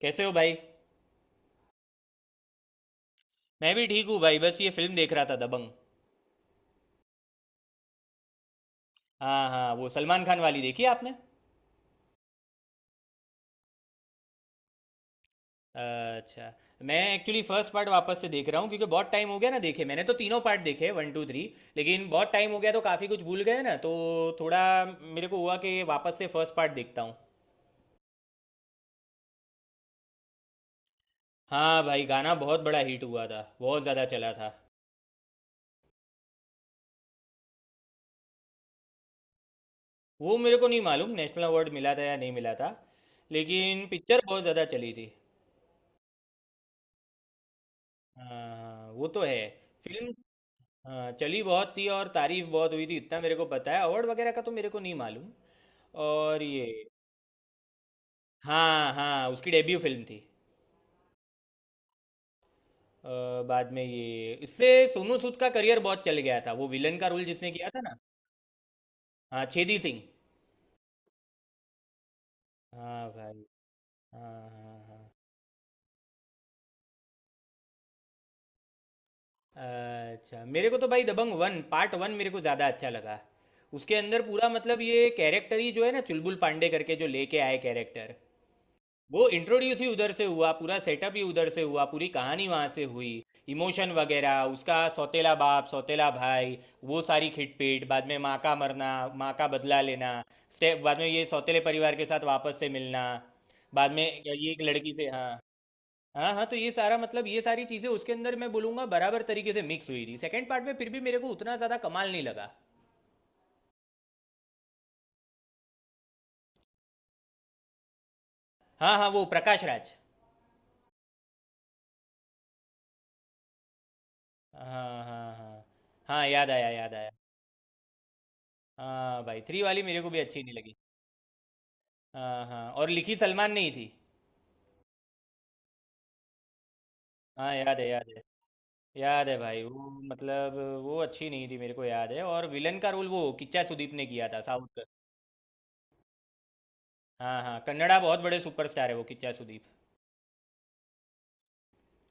कैसे हो भाई। मैं भी ठीक हूँ भाई, बस ये फिल्म देख रहा था, दबंग। हाँ हाँ, वो सलमान खान वाली देखी है आपने? अच्छा। मैं एक्चुअली फर्स्ट पार्ट वापस से देख रहा हूँ क्योंकि बहुत टाइम हो गया ना देखे, मैंने तो तीनों पार्ट देखे, वन टू थ्री। लेकिन बहुत टाइम हो गया तो काफ़ी कुछ भूल गए ना, तो थोड़ा मेरे को हुआ कि वापस से फर्स्ट पार्ट देखता हूँ। हाँ भाई, गाना बहुत बड़ा हिट हुआ था, बहुत ज़्यादा चला था। वो मेरे को नहीं मालूम नेशनल अवार्ड मिला था या नहीं मिला था, लेकिन पिक्चर बहुत ज़्यादा चली थी। हाँ। हाँ, वो तो है। फिल्म। हाँ, चली बहुत थी और तारीफ बहुत हुई थी, इतना मेरे को पता है, अवार्ड वगैरह का तो मेरे को नहीं मालूम। और ये हाँ हाँ, उसकी डेब्यू फिल्म थी। अ, बाद में ये इससे सोनू सूद का करियर बहुत चल गया था, वो विलन का रोल जिसने किया था ना। हाँ छेदी सिंह। हाँ भाई। हाँ हाँ हाँ। अच्छा, मेरे को तो भाई दबंग वन पार्ट वन मेरे को ज़्यादा अच्छा लगा। उसके अंदर पूरा मतलब ये कैरेक्टर ही जो है ना, चुलबुल पांडे करके जो लेके आए कैरेक्टर, वो इंट्रोड्यूस ही उधर से हुआ, पूरा सेटअप ही उधर से हुआ, पूरी कहानी वहाँ से हुई। इमोशन वगैरह, उसका सौतेला बाप, सौतेला भाई, वो सारी खिटपीट, बाद में माँ का मरना, माँ का बदला लेना, स्टेप, बाद में ये सौतेले परिवार के साथ वापस से मिलना, बाद में ये एक लड़की से, हाँ। हाँ हाँ, तो ये सारा मतलब ये सारी चीज़ें उसके अंदर मैं बोलूँगा बराबर तरीके से मिक्स हुई थी। सेकंड पार्ट में फिर भी मेरे को उतना ज़्यादा कमाल नहीं लगा। हाँ हाँ, वो प्रकाश राज। हाँ हाँ हाँ हाँ। हाँ, याद आया याद आया। हाँ भाई, थ्री वाली मेरे को भी अच्छी नहीं लगी। हाँ हाँ, और लिखी सलमान नहीं थी। हाँ याद है याद है। याद है भाई, वो मतलब वो अच्छी नहीं थी, मेरे को याद है। और विलन का रोल वो किच्चा सुदीप ने किया था, साउथ का। हाँ हाँ, कन्नड़ा बहुत बड़े सुपरस्टार है वो किच्चा सुदीप।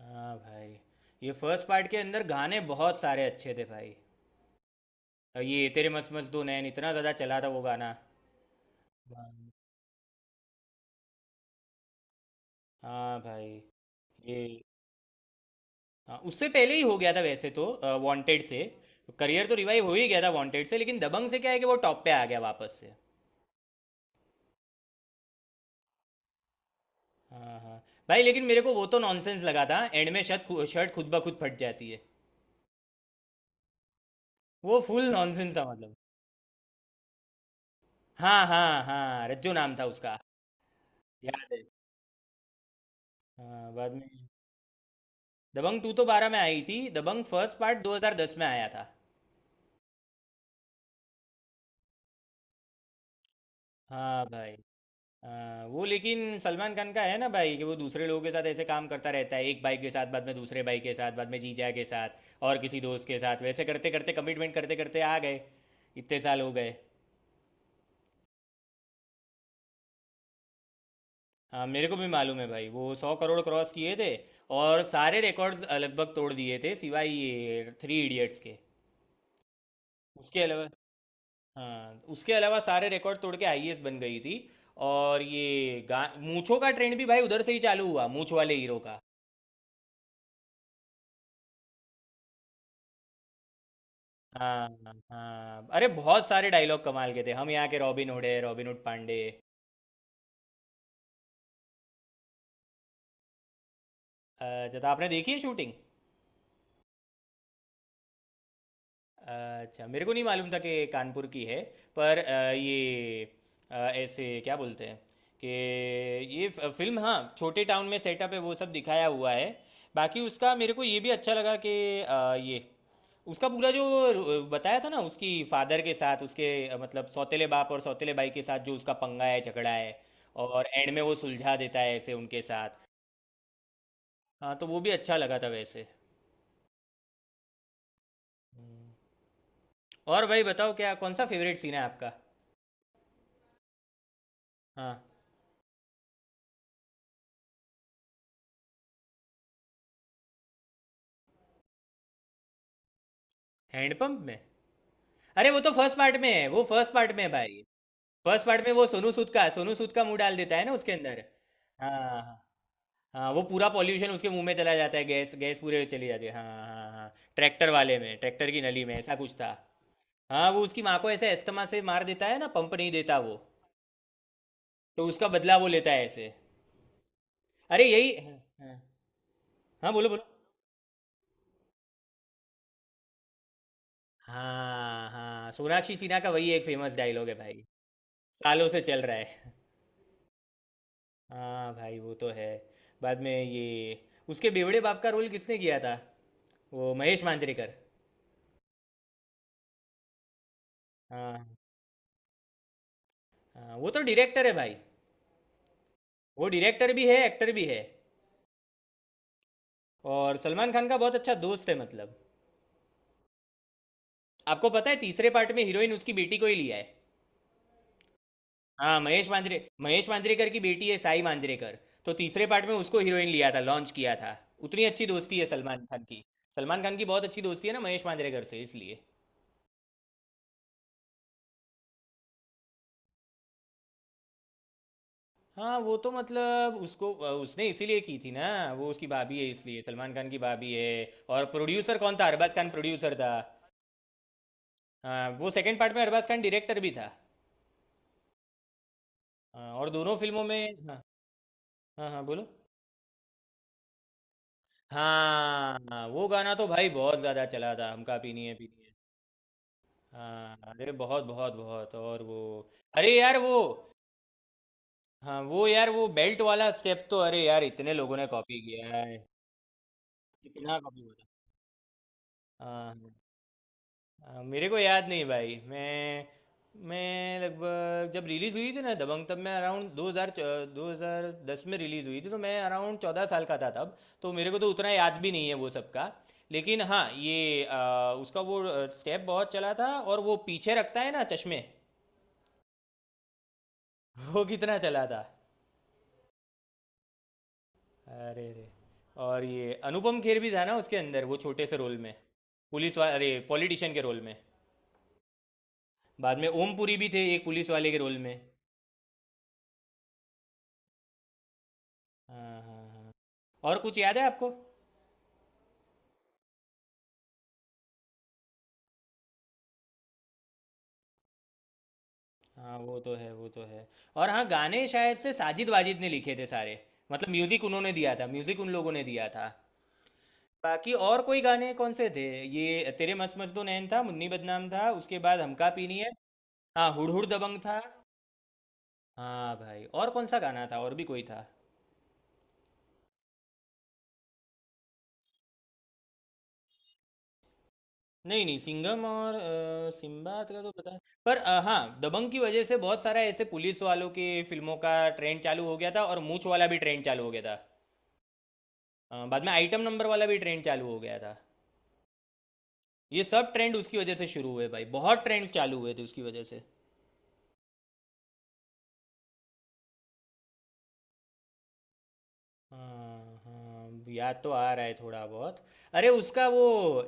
हाँ भाई। ये फर्स्ट पार्ट के अंदर गाने बहुत सारे अच्छे थे भाई। और ये तेरे मस्त मस्त दो नैन, इतना ज़्यादा चला था वो गाना। हाँ। हाँ भाई। ये हाँ, उससे पहले ही हो गया था वैसे तो, वांटेड से। करियर तो रिवाइव हो ही गया था वांटेड से, लेकिन दबंग से क्या है कि वो टॉप पे आ गया वापस से। हाँ हाँ। भाई लेकिन मेरे को वो तो नॉनसेंस लगा था, एंड में शर्ट खुद ब खुद फट जाती है। वो फुल नॉनसेंस था मतलब। हाँ हाँ हाँ, रज्जो नाम था उसका। याद है। हाँ बाद में, दबंग टू तो बारह में आई थी, दबंग फर्स्ट पार्ट 2010 में आया था। हाँ भाई। हाँ वो, लेकिन सलमान खान का है ना भाई कि वो दूसरे लोगों के साथ ऐसे काम करता रहता है, एक भाई के साथ, बाद में दूसरे भाई के साथ, बाद में जीजा के साथ और किसी दोस्त के साथ, वैसे करते करते कमिटमेंट करते करते आ गए। इतने साल हो गए। हाँ मेरे को भी मालूम है भाई, वो 100 करोड़ क्रॉस किए थे। और सारे रिकॉर्ड्स लगभग तोड़ दिए थे सिवाय ये थ्री इडियट्स के। उसके अलावा, हाँ उसके अलावा सारे रिकॉर्ड तोड़ के आईएएस बन गई थी। और ये गा मूंछों का ट्रेंड भी भाई उधर से ही चालू हुआ, मूंछ वाले हीरो का। हाँ हाँ, अरे बहुत सारे डायलॉग कमाल के थे, हम यहाँ के रॉबिन हुड है, रॉबिन हुड पांडे। अच्छा, तो आपने देखी है शूटिंग? अच्छा, मेरे को नहीं मालूम था कि कानपुर की है। पर ये ऐसे क्या बोलते हैं कि ये फिल्म, हाँ, छोटे टाउन में सेटअप है वो सब दिखाया हुआ है। बाकी उसका मेरे को ये भी अच्छा लगा कि ये उसका पूरा जो बताया था ना उसकी फादर के साथ, उसके मतलब सौतेले बाप और सौतेले भाई के साथ जो उसका पंगा है, झगड़ा है। और एंड में वो सुलझा देता है ऐसे उनके साथ। हाँ, तो वो भी अच्छा लगा था वैसे। हम्म। और भाई बताओ, क्या कौन सा फेवरेट सीन है आपका? हाँ। हैंडपंप में, अरे वो तो फर्स्ट पार्ट में है, वो फर्स्ट पार्ट में है भाई। फर्स्ट पार्ट में वो सोनू सूद का, सोनू सूद का मुंह डाल देता है ना उसके अंदर। हाँ हाँ। हाँ, वो पूरा पॉल्यूशन उसके मुंह में चला जाता है, गैस गैस पूरे चली जाती है, हाँ हाँ हाँ, ट्रैक्टर वाले में, ट्रैक्टर की नली में ऐसा कुछ था। हाँ, वो उसकी माँ को ऐसे अस्थमा से मार देता है ना, पंप नहीं देता वो, तो उसका बदला वो लेता है ऐसे। अरे यही, हाँ। हाँ हाँ, बोलो बोलो। हाँ हाँ, सोनाक्षी सिन्हा का वही एक फेमस डायलॉग है भाई, सालों से चल रहा है। हाँ भाई, वो तो है। बाद में ये उसके बेवड़े बाप का रोल किसने किया था? वो महेश मांजरेकर। हाँ हाँ, वो तो डायरेक्टर है भाई। वो डायरेक्टर भी है, एक्टर भी है, और सलमान खान का बहुत अच्छा दोस्त है, मतलब। आपको पता है तीसरे पार्ट में हीरोइन उसकी बेटी को ही लिया है। हाँ, महेश मांजरे, महेश मांजरेकर की बेटी है साई मांजरेकर। तो तीसरे पार्ट में उसको हीरोइन लिया था, लॉन्च किया था। उतनी अच्छी दोस्ती है सलमान खान की। सलमान खान की बहुत अच्छी दोस्ती है ना महेश मांजरेकर से, इसलिए। हाँ, वो तो मतलब उसको, उसने इसीलिए की थी ना। वो उसकी भाभी है, इसलिए। सलमान खान की भाभी है। और प्रोड्यूसर कौन था, अरबाज खान प्रोड्यूसर था। हाँ, वो सेकंड पार्ट में अरबाज खान डायरेक्टर भी था। हाँ, और दोनों फिल्मों में, हाँ हाँ, हाँ बोलो। हाँ हाँ, वो गाना तो भाई बहुत ज़्यादा चला था, हमका पीनी है पीनी है। हाँ अरे बहुत बहुत बहुत, और वो, अरे यार वो, हाँ वो यार वो बेल्ट वाला स्टेप तो, अरे यार इतने लोगों ने कॉपी किया है, कितना कॉपी हुआ था। हाँ हाँ। मेरे को याद नहीं भाई, मैं लगभग जब रिलीज़ हुई थी ना दबंग, तब मैं अराउंड 2000, 2010 में रिलीज़ हुई थी, तो मैं अराउंड 14 साल का था तब। तो मेरे को तो उतना याद भी नहीं है वो सब का। लेकिन हाँ, ये उसका वो स्टेप बहुत चला था। और वो पीछे रखता है ना चश्मे, वो कितना चला था। अरे रे। और ये अनुपम खेर भी था ना उसके अंदर, वो छोटे से रोल में, पुलिस वाले, अरे पॉलिटिशियन के रोल में। बाद में ओम पुरी भी थे एक पुलिस वाले के रोल में। हाँ हाँ हाँ। और कुछ याद है आपको? हाँ वो तो है, वो तो है। और हाँ, गाने शायद से साजिद वाजिद ने लिखे थे सारे, मतलब म्यूजिक उन्होंने दिया था, म्यूजिक उन लोगों ने दिया था। बाकी और कोई गाने कौन से थे? ये तेरे मस्त मस्त दो नैन था, मुन्नी बदनाम था, उसके बाद हमका पीनी है। हाँ, हुड़ हुड़ दबंग था। हाँ भाई और कौन सा गाना था, और भी कोई था? नहीं नहीं, सिंघम और सिम्बात का तो पता है। पर हाँ, दबंग की वजह से बहुत सारा ऐसे पुलिस वालों के फिल्मों का ट्रेंड चालू हो गया था, और मूंछ वाला भी ट्रेंड चालू हो गया था। बाद में आइटम नंबर वाला भी ट्रेंड चालू हो गया था। ये सब ट्रेंड उसकी वजह से शुरू हुए भाई, बहुत ट्रेंड्स चालू हुए थे उसकी वजह से। हाँ हाँ, याद तो आ रहा है थोड़ा बहुत। अरे उसका वो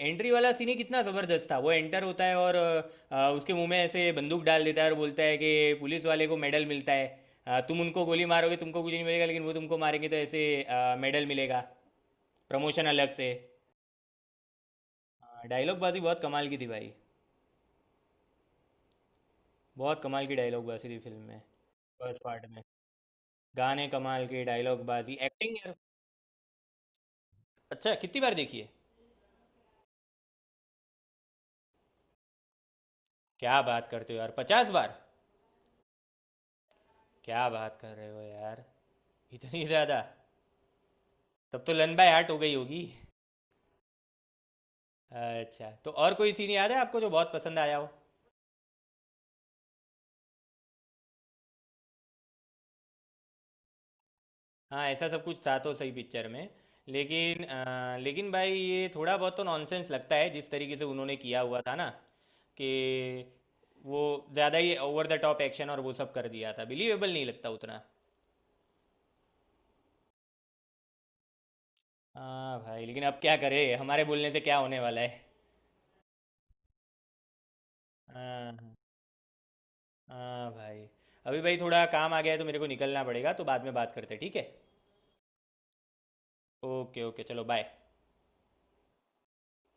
एंट्री वाला सीन ही कितना ज़बरदस्त था, वो एंटर होता है और उसके मुंह में ऐसे बंदूक डाल देता है और बोलता है कि पुलिस वाले को मेडल मिलता है। तुम उनको गोली मारोगे तुमको कुछ नहीं मिलेगा, लेकिन वो तुमको मारेंगे तो ऐसे मेडल मिलेगा। प्रमोशन अलग से। डायलॉग बाजी बहुत कमाल की थी भाई, बहुत कमाल की डायलॉग बाजी थी फिल्म में, फर्स्ट पार्ट में। गाने कमाल के, डायलॉग बाजी, एक्टिंग, यार। अच्छा, कितनी बार देखी है? क्या बात करते हो यार, 50 बार? क्या बात कर रहे हो यार, इतनी ज़्यादा। तब तो लन बाय हार्ट हो गई होगी। अच्छा, तो और कोई सीन याद है आपको जो बहुत पसंद आया हो? हाँ, ऐसा सब कुछ था तो सही पिक्चर में। लेकिन लेकिन भाई ये थोड़ा बहुत तो नॉनसेंस लगता है जिस तरीके से उन्होंने किया हुआ था ना, कि वो ज़्यादा ही ओवर द टॉप एक्शन और वो सब कर दिया था, बिलीवेबल नहीं लगता उतना। हाँ भाई, लेकिन अब क्या करें, हमारे बोलने से क्या होने वाला है। हाँ। हाँ भाई, अभी भाई थोड़ा काम आ गया है तो मेरे को निकलना पड़ेगा, तो बाद में बात करते हैं, ठीक है? ओके ओके, चलो, बाय।